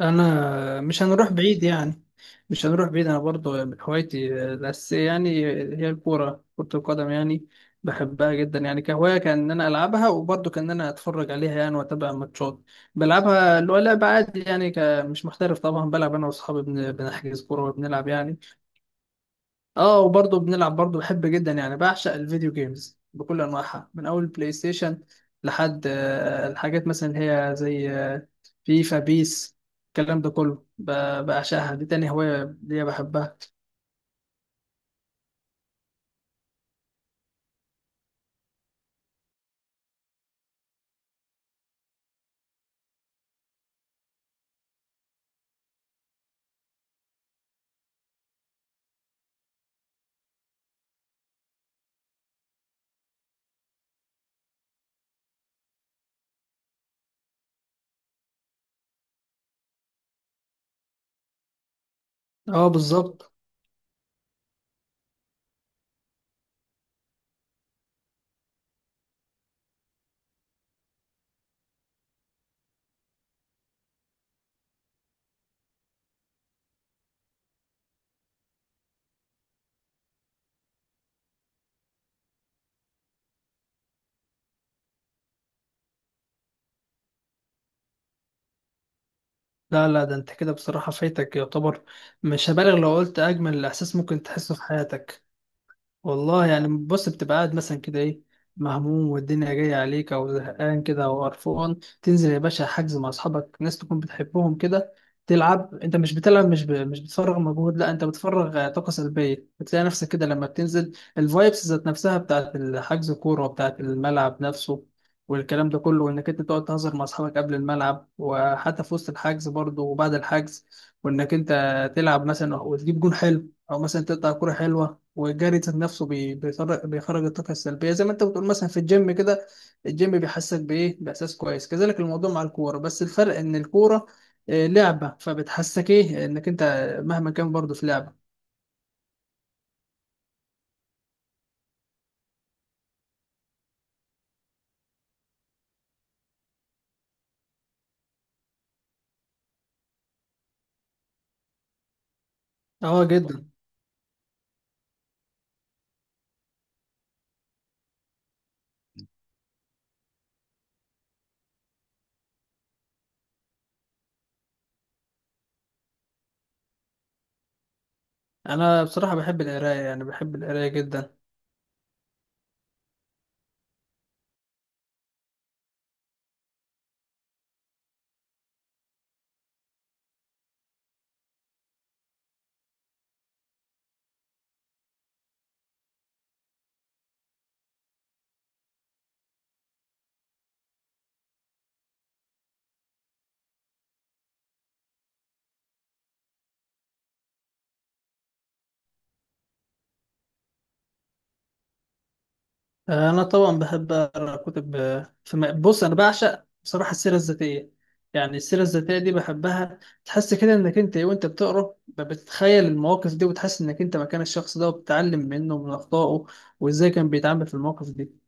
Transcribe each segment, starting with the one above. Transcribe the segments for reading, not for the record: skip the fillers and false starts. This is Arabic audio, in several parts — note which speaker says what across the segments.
Speaker 1: انا مش هنروح بعيد يعني. مش هنروح بعيد، انا برضو من هوايتي الاساسيه يعني هي الكوره، كره القدم يعني. بحبها جدا يعني، كهوايه كان ان انا العبها، وبرضو كان ان انا اتفرج عليها يعني واتابع ماتشات. بلعبها، اللي هو لعب عادي يعني، مش محترف طبعا. بلعب انا واصحابي، بنحجز كوره وبنلعب يعني. اه، وبرضه بنلعب. برضه بحب جدا يعني، بعشق الفيديو جيمز بكل انواعها، من اول بلاي ستيشن لحد الحاجات مثلا اللي هي زي فيفا، بيس، الكلام ده كله. بعشقها، دي تاني هواية ليا بحبها. اه بالظبط. لا لا، ده انت كده بصراحة فايتك يعتبر. مش هبالغ لو قلت اجمل احساس ممكن تحسه في حياتك. والله يعني، بص، بتبقى قاعد مثلا كده ايه، مهموم والدنيا جاية عليك، أو زهقان كده أو قرفان، تنزل يا باشا حجز مع أصحابك، ناس تكون بتحبهم كده، تلعب. أنت مش بتلعب، مش مش بتفرغ مجهود، لا أنت بتفرغ طاقة سلبية. بتلاقي نفسك كده لما بتنزل، الفايبس ذات نفسها بتاعت الحجز كورة، وبتاعت الملعب نفسه والكلام ده كله. وإنك أنت تقعد تهزر مع أصحابك قبل الملعب، وحتى في وسط الحجز برضه وبعد الحجز، وإنك أنت تلعب مثلا وتجيب جون حلو، أو مثلا تقطع كورة حلوة. والجري ذات نفسه بيخرج الطاقة السلبية، زي ما انت بتقول مثلا في الجيم كده. الجيم بيحسسك بإيه، بإحساس كويس. كذلك الموضوع مع الكورة، بس الفرق إن الكورة لعبة، فبتحسسك إيه، إنك انت مهما كان برضه في لعبة. اه جدا. انا بصراحة بحب القراية يعني، بحب القراية جدا. أنا طبعا بحب أقرأ كتب في بص، أنا بعشق بصراحة السيرة الذاتية. يعني السيرة الذاتية دي بحبها، تحس كده إنك أنت وأنت بتقرأ بتتخيل المواقف دي، وتحس إنك أنت مكان الشخص ده، وبتتعلم منه ومن أخطائه، وإزاي كان بيتعامل في المواقف دي.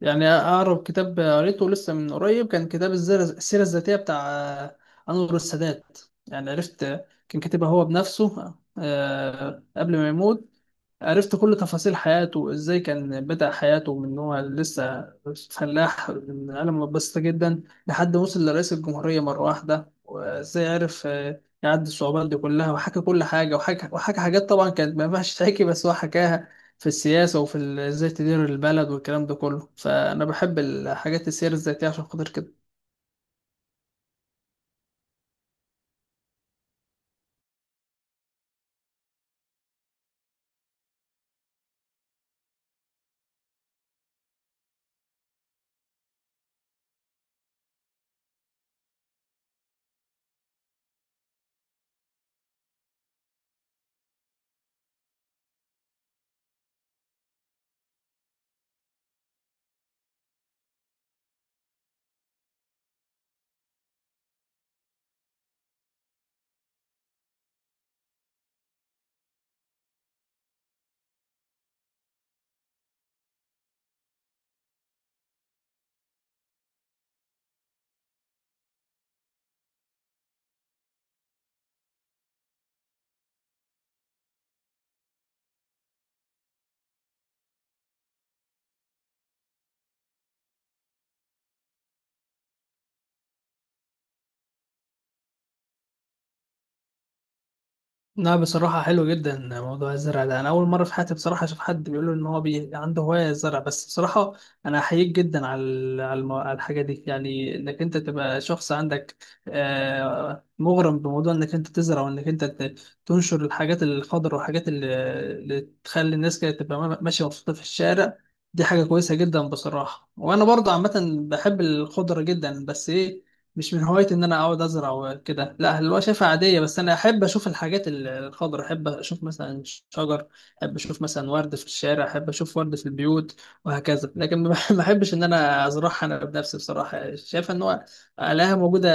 Speaker 1: يعني أقرب كتاب قريته لسه من قريب كان كتاب السيرة الذاتية بتاع أنور السادات. يعني عرفت كان كاتبها هو بنفسه قبل ما يموت. عرفت كل تفاصيل حياته، ازاي كان بدأ حياته من هو لسه فلاح من عالم بسيطة جدا، لحد وصل لرئيس الجمهورية مرة واحدة، وازاي عرف يعدي الصعوبات دي كلها، وحكى كل حاجة، وحكى وحكى حاجات طبعا كانت ما ينفعش تحكي، بس هو حكاها، في السياسة وفي ازاي تدير البلد والكلام ده كله. فأنا بحب الحاجات السير الذاتية عشان خاطر كده. لا، بصراحة حلو جدا موضوع الزرع ده. أنا أول مرة في حياتي بصراحة أشوف حد بيقول إن هو عنده هواية الزرع. بس بصراحة أنا أحييك جدا على على الحاجة دي، يعني إنك أنت تبقى شخص عندك مغرم بموضوع إنك أنت تزرع، وإنك أنت تنشر الحاجات الخضر والحاجات اللي تخلي الناس كده تبقى ماشية مبسوطة في الشارع. دي حاجة كويسة جدا بصراحة. وأنا برضه عامة بحب الخضرة جدا، بس إيه، مش من هوايتي ان انا اقعد ازرع وكده، لا، اللي هو شايفها عاديه. بس انا احب اشوف الحاجات الخضرا، احب اشوف مثلا شجر، احب اشوف مثلا ورد في الشارع، احب اشوف ورد في البيوت، وهكذا. لكن ما ما احبش ان انا ازرعها انا بنفسي. بصراحه شايف ان هو الاقيها موجوده،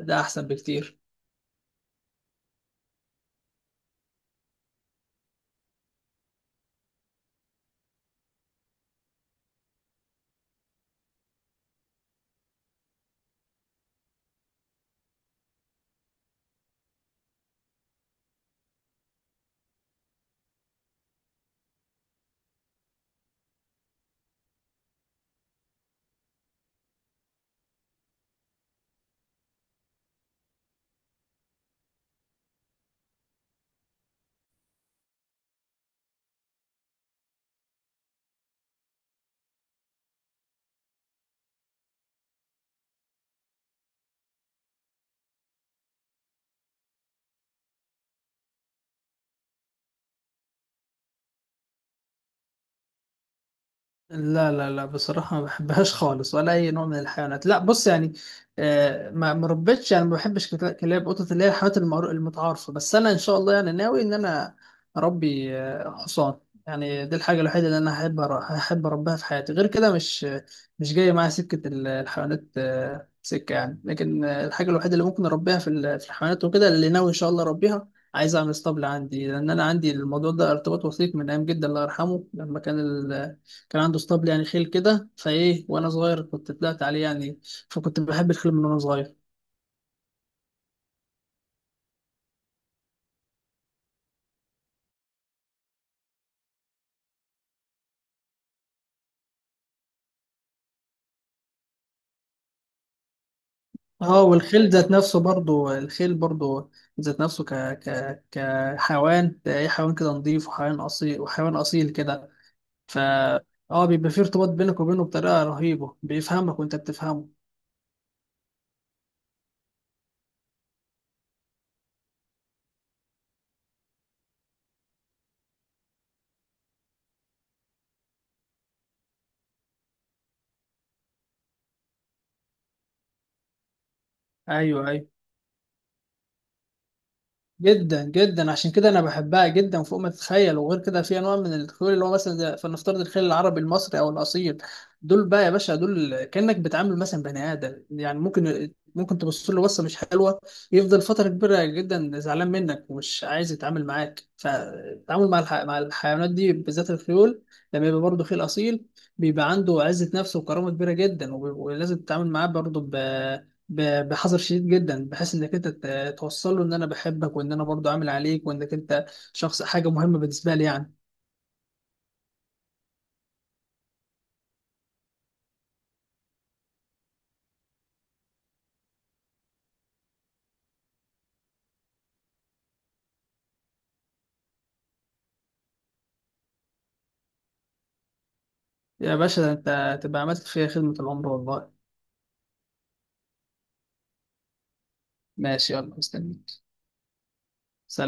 Speaker 1: ده احسن بكتير. لا لا لا، بصراحة ما بحبهاش خالص، ولا أي نوع من الحيوانات. لا بص يعني ما ربيتش يعني، ما بحبش كلاب قطط، اللي هي الحيوانات المتعارفة. بس أنا إن شاء الله يعني، ناوي إن أنا أربي حصان. يعني دي الحاجة الوحيدة اللي أنا هحب أربيها في حياتي. غير كده مش جاية معايا سكة الحيوانات سكة يعني. لكن الحاجة الوحيدة اللي ممكن أربيها في في الحيوانات وكده، اللي ناوي إن شاء الله أربيها، عايز أعمل اسطبل عندي. لأن أنا عندي الموضوع ده ارتباط وثيق من أيام جدا، الله يرحمه، لما كان كان عنده اسطبل يعني، خيل كده، فايه وانا صغير كنت طلعت عليه يعني، فكنت بحب الخيل من وانا صغير. اه اه. والخيل ذات نفسه برضو، الخيل برضو ذات نفسه، ك ك كحيوان ده ايه، حيوان كده نظيف، وحيوان اصيل، وحيوان اصيل كده، ف اه، بيبقى فيه ارتباط بينك وبينه بطريقه رهيبه، بيفهمك وانت بتفهمه. ايوه ايوه. جدا جدا، عشان كده انا بحبها جدا فوق ما تتخيل. وغير كده في انواع من الخيول، اللي هو مثلا فلنفترض الخيل العربي المصري او الاصيل، دول بقى يا باشا، دول كانك بتعامل مثلا بني ادم يعني. ممكن تبص له بصه مش حلوه، يفضل فتره كبيره جدا زعلان منك، ومش عايز يتعامل معاك. فالتعامل مع مع الحيوانات دي بالذات الخيول، لما يبقى برضه خيل اصيل، بيبقى عنده عزه نفس وكرامه كبيره جدا. ولازم تتعامل معاه برضه بحذر شديد جدا، بحيث انك انت توصل له ان انا بحبك، وان انا برضو عامل عليك، وانك انت شخص، حاجه مهمه بالنسبه لي يعني. يا باشا، ده انت تبقى عملت فيها خدمه العمر والله. ماشي، يلا مستنيك.